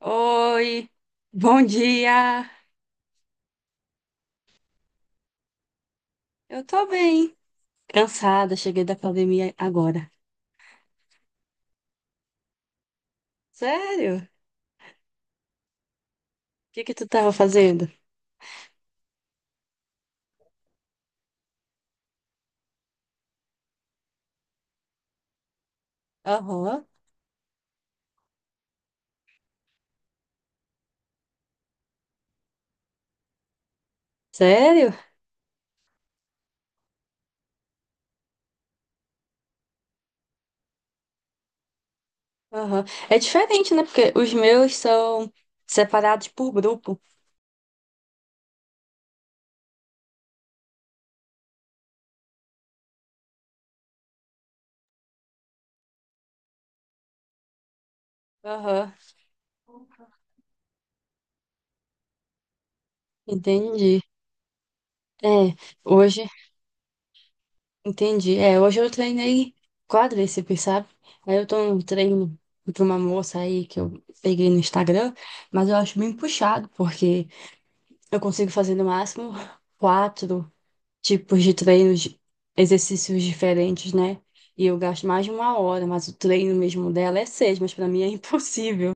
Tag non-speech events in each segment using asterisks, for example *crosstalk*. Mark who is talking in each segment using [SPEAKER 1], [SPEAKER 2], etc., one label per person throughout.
[SPEAKER 1] Oi, bom dia. Eu tô bem. Cansada, cheguei da academia agora. Sério? O que que tu tava fazendo? Aham. Sério? Aham. É diferente, né? Porque os meus são separados por grupo. Aham. Entendi. É, hoje, Entendi. É, hoje eu treinei quadríceps, sabe? Aí eu tô num treino de uma moça aí que eu peguei no Instagram, mas eu acho bem puxado, porque eu consigo fazer no máximo quatro tipos de treinos, exercícios diferentes, né? E eu gasto mais de uma hora, mas o treino mesmo dela é seis, mas pra mim é *laughs* impossível.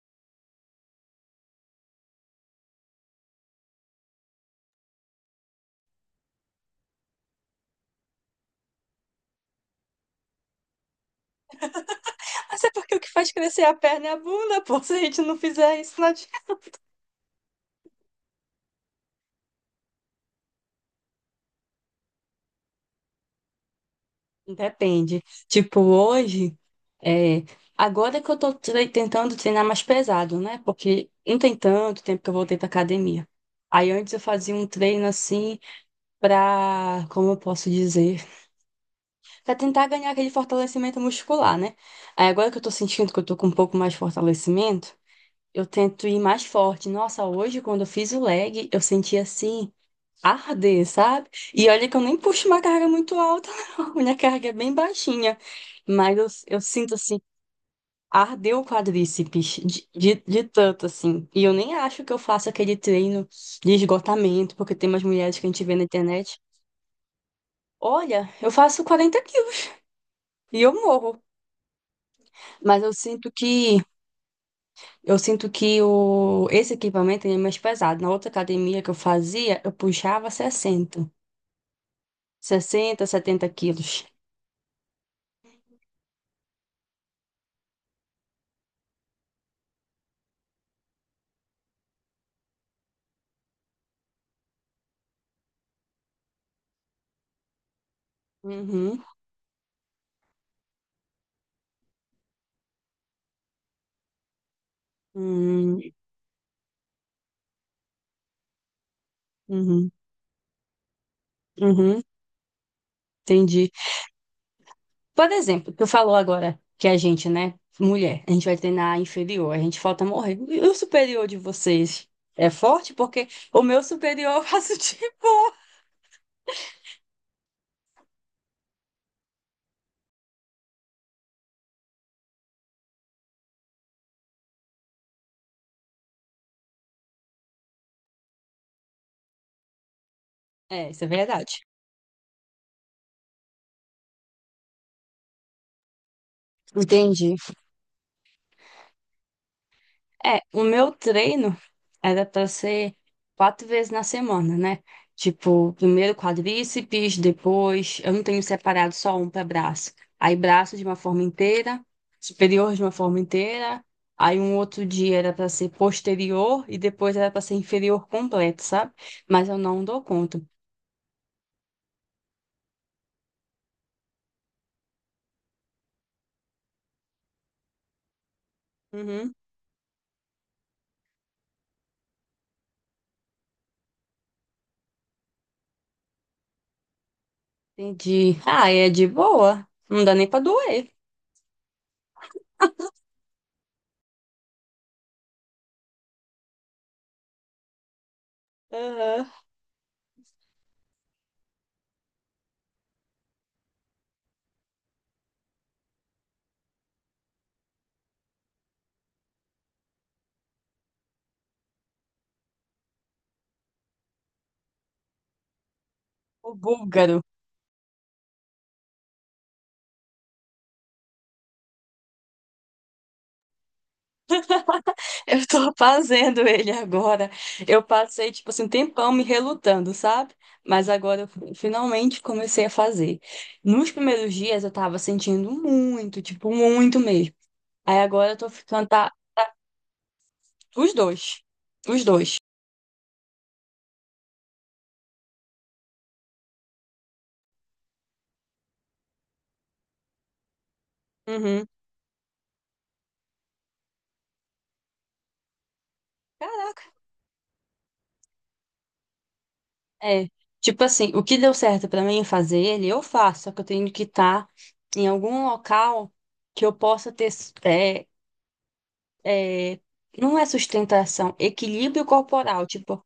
[SPEAKER 1] Mas é porque o que faz crescer a perna é a bunda, pô. *laughs* Se a gente não fizer isso, não adianta. Depende. Tipo, hoje, é... agora que eu tô tentando treinar mais pesado, né? Porque não tem tanto tempo que eu voltei pra academia. Aí antes eu fazia um treino assim pra, como eu posso dizer? Pra tentar ganhar aquele fortalecimento muscular, né? Aí agora que eu tô sentindo que eu tô com um pouco mais de fortalecimento, eu tento ir mais forte. Nossa, hoje quando eu fiz o leg, eu senti assim, arder, sabe? E olha que eu nem puxo uma carga muito alta, *laughs* não. Minha carga é bem baixinha. Mas eu sinto assim, ardeu o quadríceps de tanto, assim. E eu nem acho que eu faço aquele treino de esgotamento, porque tem umas mulheres que a gente vê na internet. Olha, eu faço 40 quilos *laughs* e eu morro. Mas eu sinto que esse equipamento ele é mais pesado. Na outra academia que eu fazia, eu puxava sessenta 70 quilos. Uhum, uhum, uhum, uhum, entendi. Por exemplo, tu falou agora que a gente, né, mulher, a gente vai treinar inferior, a gente falta morrer. E o superior de vocês é forte? Porque o meu superior eu faço *laughs* de boa. É, isso é verdade. Entendi. É, o meu treino era para ser quatro vezes na semana, né? Tipo, primeiro quadríceps, depois eu não tenho separado só um para braço. Aí braço de uma forma inteira, superior de uma forma inteira. Aí um outro dia era para ser posterior e depois era para ser inferior completo, sabe? Mas eu não dou conta. Uhum, entendi. Ah, é de boa. Não dá nem para doer. Aham. O búlgaro. Eu tô *laughs* fazendo ele agora. Eu passei, tipo assim, um tempão me relutando, sabe? Mas agora eu finalmente comecei a fazer. Nos primeiros dias eu tava sentindo muito, tipo, muito mesmo. Aí agora eu tô ficando, tá? Os dois. Os dois. Uhum. É. Tipo assim, o que deu certo pra mim fazer ele, eu faço, só que eu tenho que estar em algum local que eu possa ter. É, é, não é sustentação, equilíbrio corporal. Tipo,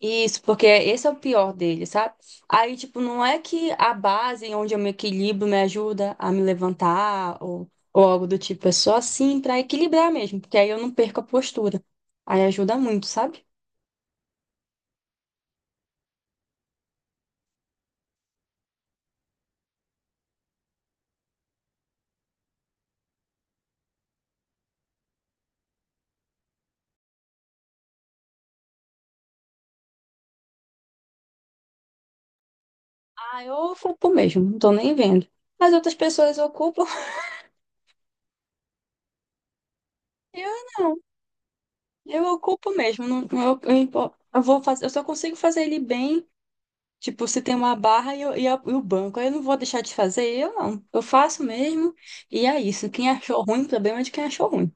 [SPEAKER 1] isso, porque esse é o pior dele, sabe? Aí, tipo, não é que a base onde eu me equilibro me ajuda a me levantar ou algo do tipo, é só assim pra equilibrar mesmo, porque aí eu não perco a postura. Aí ajuda muito, sabe? Ah, eu ocupo mesmo, não tô nem vendo. Mas outras pessoas ocupam, *laughs* eu não, eu ocupo mesmo, eu só consigo fazer ele bem. Tipo, se tem uma barra e o banco, aí eu não vou deixar de fazer, eu não. Eu faço mesmo, e é isso. Quem achou ruim, o problema é de quem achou ruim.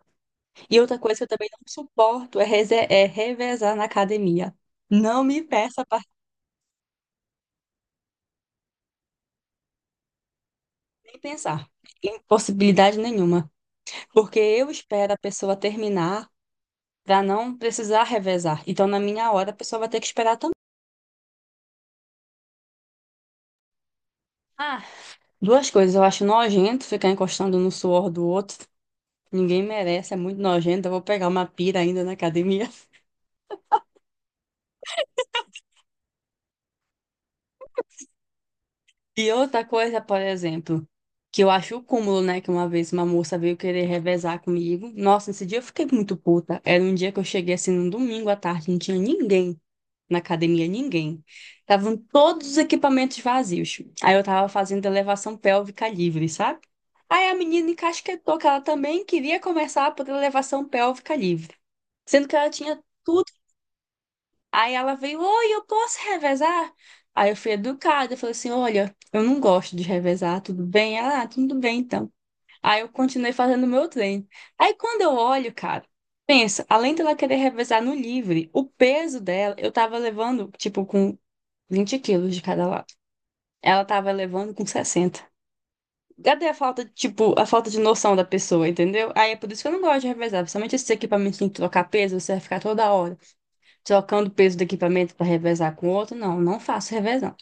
[SPEAKER 1] E outra coisa que eu também não suporto é revezar na academia. Não me peça para nem pensar, em possibilidade nenhuma. Porque eu espero a pessoa terminar para não precisar revezar. Então, na minha hora, a pessoa vai ter que esperar também. Ah, duas coisas, eu acho nojento ficar encostando no suor do outro. Ninguém merece, é muito nojento. Eu vou pegar uma pira ainda na academia. E outra coisa, por exemplo, que eu acho o cúmulo, né? Que uma vez uma moça veio querer revezar comigo. Nossa, esse dia eu fiquei muito puta. Era um dia que eu cheguei assim num domingo à tarde, não tinha ninguém na academia, ninguém. Estavam todos os equipamentos vazios. Aí eu tava fazendo elevação pélvica livre, sabe? Aí a menina encasquetou que ela também queria começar por elevação pélvica livre, sendo que ela tinha tudo. Aí ela veio: oi, eu posso revezar? Aí eu fui educada, eu falei assim, olha, eu não gosto de revezar, tudo bem? Ela, ah, tudo bem então. Aí eu continuei fazendo o meu treino. Aí quando eu olho, cara, pensa, além dela querer revezar no livre, o peso dela, eu tava levando, tipo, com 20 quilos de cada lado. Ela tava levando com 60. Cadê a falta de noção da pessoa, entendeu? Aí é por isso que eu não gosto de revezar, principalmente esses equipamentos que tem que trocar peso, você vai ficar toda hora trocando o peso do equipamento para revezar com o outro, não, não faço revezão.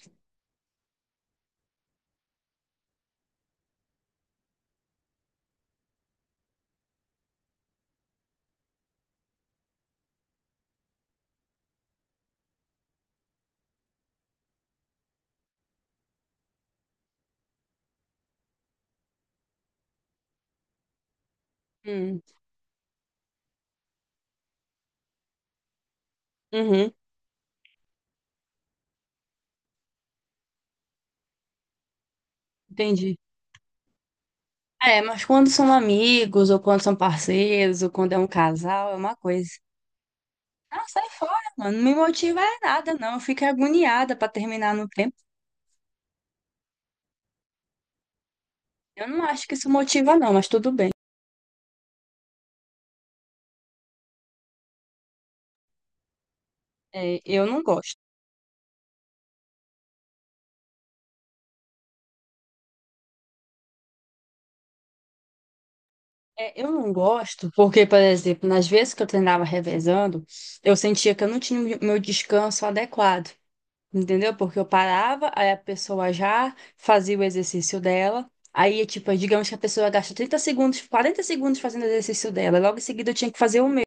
[SPEAKER 1] Hum, uhum. Entendi. É, mas quando são amigos, ou quando são parceiros, ou quando é um casal, é uma coisa. Ah, sai fora, mano. Não me motiva é nada, não. Eu fico agoniada para terminar no tempo. Eu não acho que isso motiva, não, mas tudo bem. É, eu não gosto. É, eu não gosto porque, por exemplo, nas vezes que eu treinava revezando, eu sentia que eu não tinha o meu descanso adequado. Entendeu? Porque eu parava, aí a pessoa já fazia o exercício dela. Aí, tipo, digamos que a pessoa gasta 30 segundos, 40 segundos fazendo o exercício dela. Logo em seguida eu tinha que fazer o meu.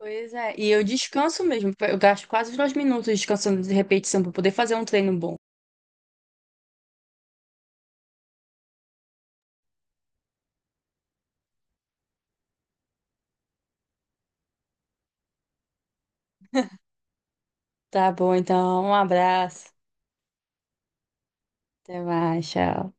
[SPEAKER 1] Pois é, e eu descanso mesmo. Eu gasto quase os 2 minutos descansando de repetição para poder fazer um treino bom. Tá bom, então, um abraço. Até mais, tchau.